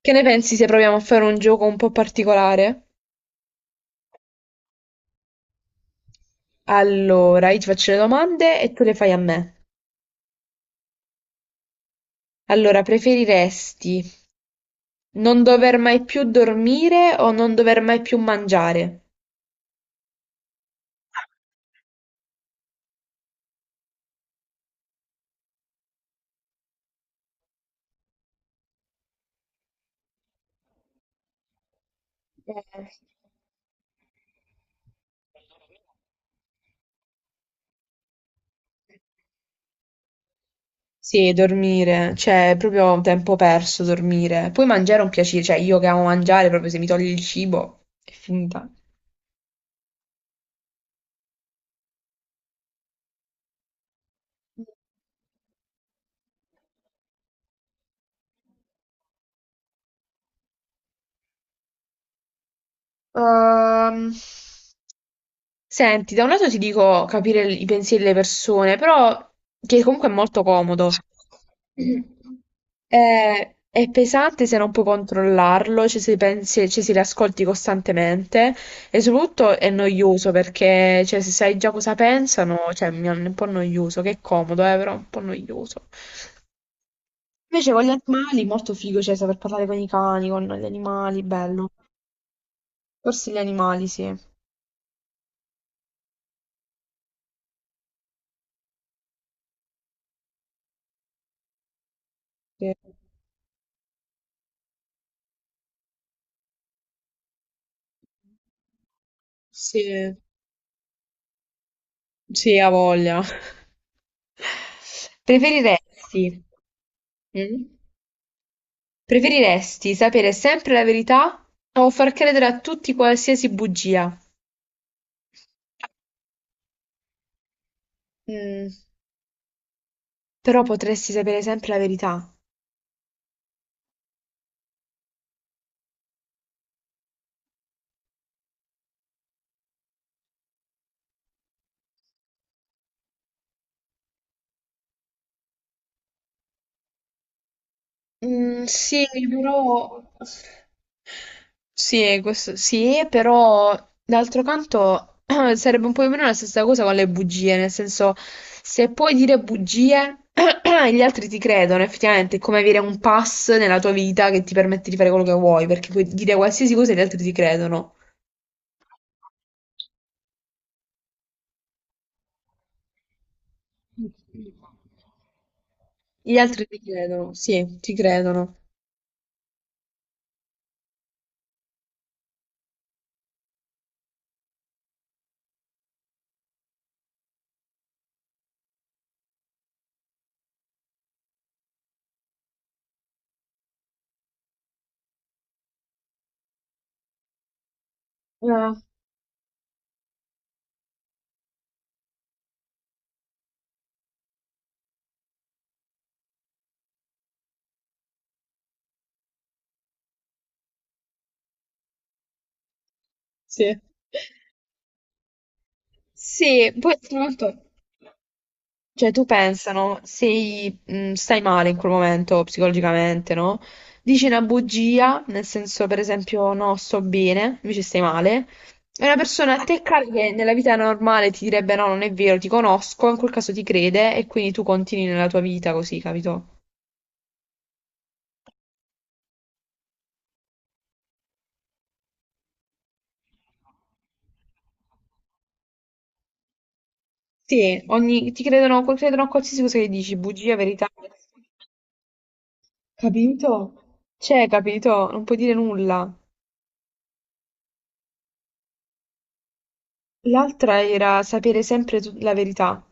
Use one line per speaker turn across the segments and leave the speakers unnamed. Che ne pensi se proviamo a fare un gioco un po' particolare? Allora, io ti faccio le domande e tu le fai a me. Allora, preferiresti non dover mai più dormire o non dover mai più mangiare? Eh, Sì, dormire, cioè è proprio tempo perso dormire. Poi mangiare è un piacere, cioè io che amo mangiare, proprio se mi togli il cibo è finita. Ehm, Senti, da un lato ti dico capire i pensieri delle persone, però che comunque è molto comodo. È pesante se non puoi controllarlo, cioè se pensi, cioè se li ascolti costantemente e soprattutto è noioso perché cioè, se sai già cosa pensano, cioè mi è un po' noioso, che è comodo, però è un po' noioso. Invece con gli animali molto figo, cioè saper parlare con i cani, con gli animali, bello. Forse gli animali, sì. Sì, sì, sì, ha voglia. Preferiresti, mm? Preferiresti sapere sempre la verità o far credere a tutti qualsiasi bugia? Mm, però potresti sapere sempre la verità. Mm, sì, però... Sì, questo sì, però d'altro canto sarebbe un po' più o meno la stessa cosa con le bugie, nel senso se puoi dire bugie gli altri ti credono, effettivamente è come avere un pass nella tua vita che ti permette di fare quello che vuoi, perché puoi dire qualsiasi cosa e gli altri ti credono. Gli altri ti credono, sì, ti credono. Ah, sì. Sì, poi d'altro canto... Cioè, tu pensano, sei, stai male in quel momento psicologicamente, no? Dici una bugia, nel senso, per esempio, no, sto bene, invece stai male. E una persona a te cara che nella vita normale ti direbbe no, non è vero, ti conosco, in quel caso ti crede e quindi tu continui nella tua vita così, capito? Sì, ogni, ti credono, credono a qualsiasi cosa che dici, bugia, verità. Capito? Cioè, capito? Non puoi dire nulla. L'altra era sapere sempre la verità.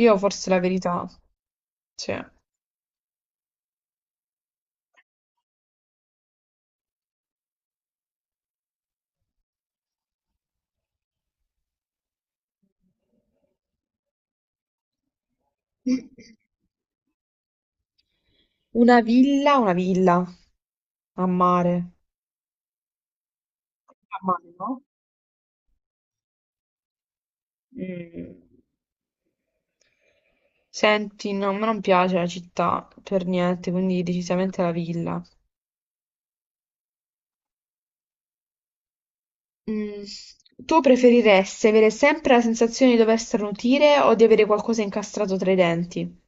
Io forse la verità, cioè, una villa a mare. A mare, no? Mm. Senti, no, a me non piace la città per niente, quindi decisamente la villa. Mm. Tu preferiresti avere sempre la sensazione di dover starnutire o di avere qualcosa incastrato tra i denti?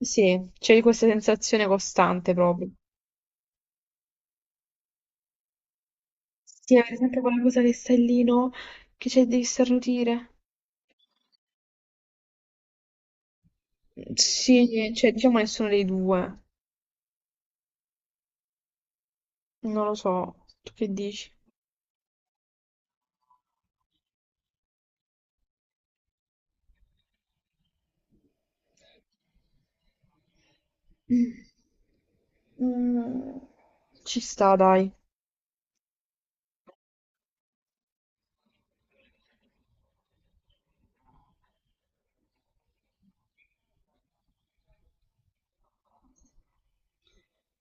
Sì, c'è questa sensazione costante proprio. Sì, per esempio quella cosa che stai lì, no? Che c'è, devi starnutire. Sì, cioè, diciamo nessuno dei due. Non lo so. Tu che dici? Mm. Mm, ci sta, dai.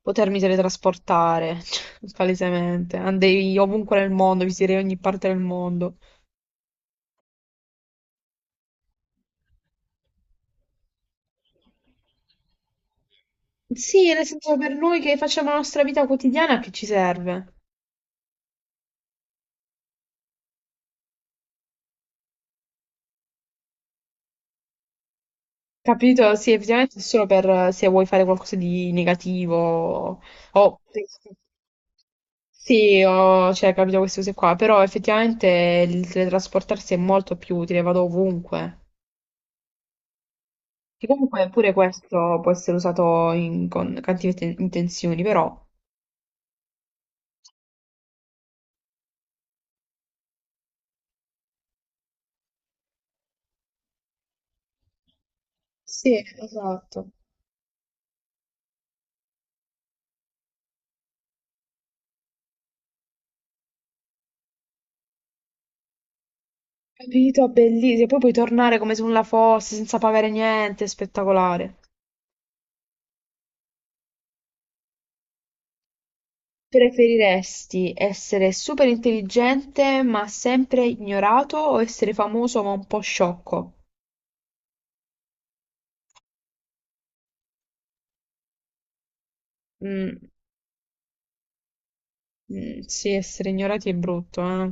Potermi teletrasportare, palesemente. Andrei ovunque nel mondo, visiterei ogni parte del mondo. Sì, nel senso per noi che facciamo la nostra vita quotidiana, che ci serve? Capito? Sì, effettivamente è solo per se vuoi fare qualcosa di negativo o... Sì, ho, cioè, capito queste cose qua, però effettivamente il teletrasportarsi è molto più utile, vado ovunque. Che comunque pure questo può essere usato con cattive intenzioni, però... Sì, esatto. Capito? Bellissimo. E poi puoi tornare come se nulla fosse, senza pagare niente, è spettacolare. Preferiresti essere superintelligente ma sempre ignorato o essere famoso ma un po' sciocco? Mm, mm, sì, essere ignorati è brutto, eh.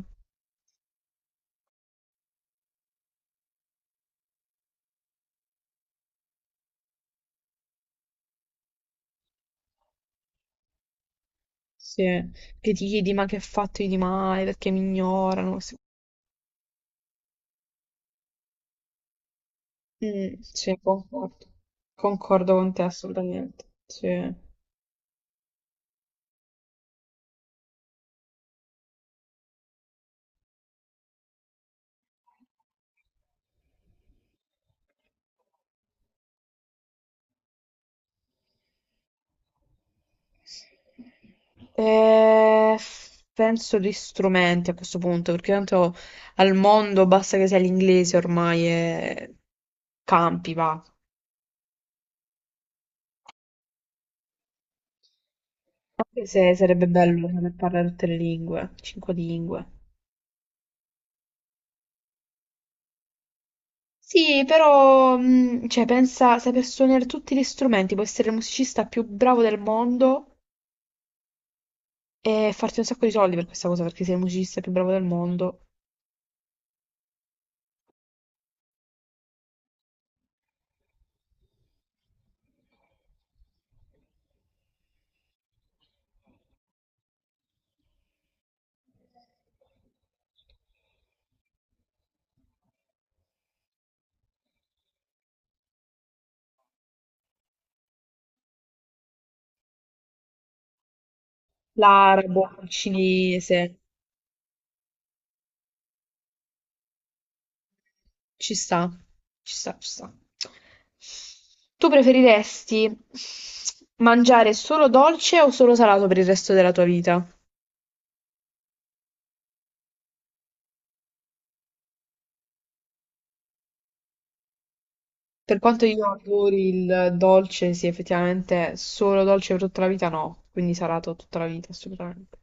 Sì, che ti chiedi ma che ho fatto io di male, perché mi ignorano? Sì, mm, sì, concordo. Concordo con te assolutamente. Sì. Eh, penso di strumenti a questo punto, perché tanto al mondo basta che sia l'inglese ormai e campi, va. Anche se sarebbe bello saper parlare tutte le lingue, cinque lingue. Sì, però, cioè, pensa, saper suonare tutti gli strumenti, puoi essere il musicista più bravo del mondo e farti un sacco di soldi per questa cosa, perché sei il musicista più bravo del mondo. L'arabo, il cinese. Ci sta, ci sta, ci sta. Tu preferiresti mangiare solo dolce o solo salato per il resto della tua vita? Per quanto io adori il dolce, sì, effettivamente solo dolce per tutta la vita no, quindi salato tutta la vita assolutamente.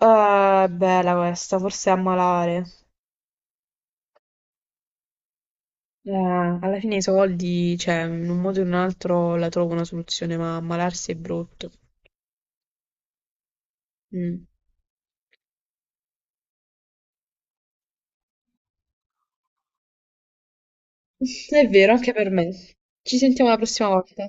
Bella questa, forse a malare. Alla fine i soldi, cioè, in un modo o in un altro la trovo una soluzione, ma ammalarsi è brutto. Mm. È vero, anche per me. Ci sentiamo la prossima volta.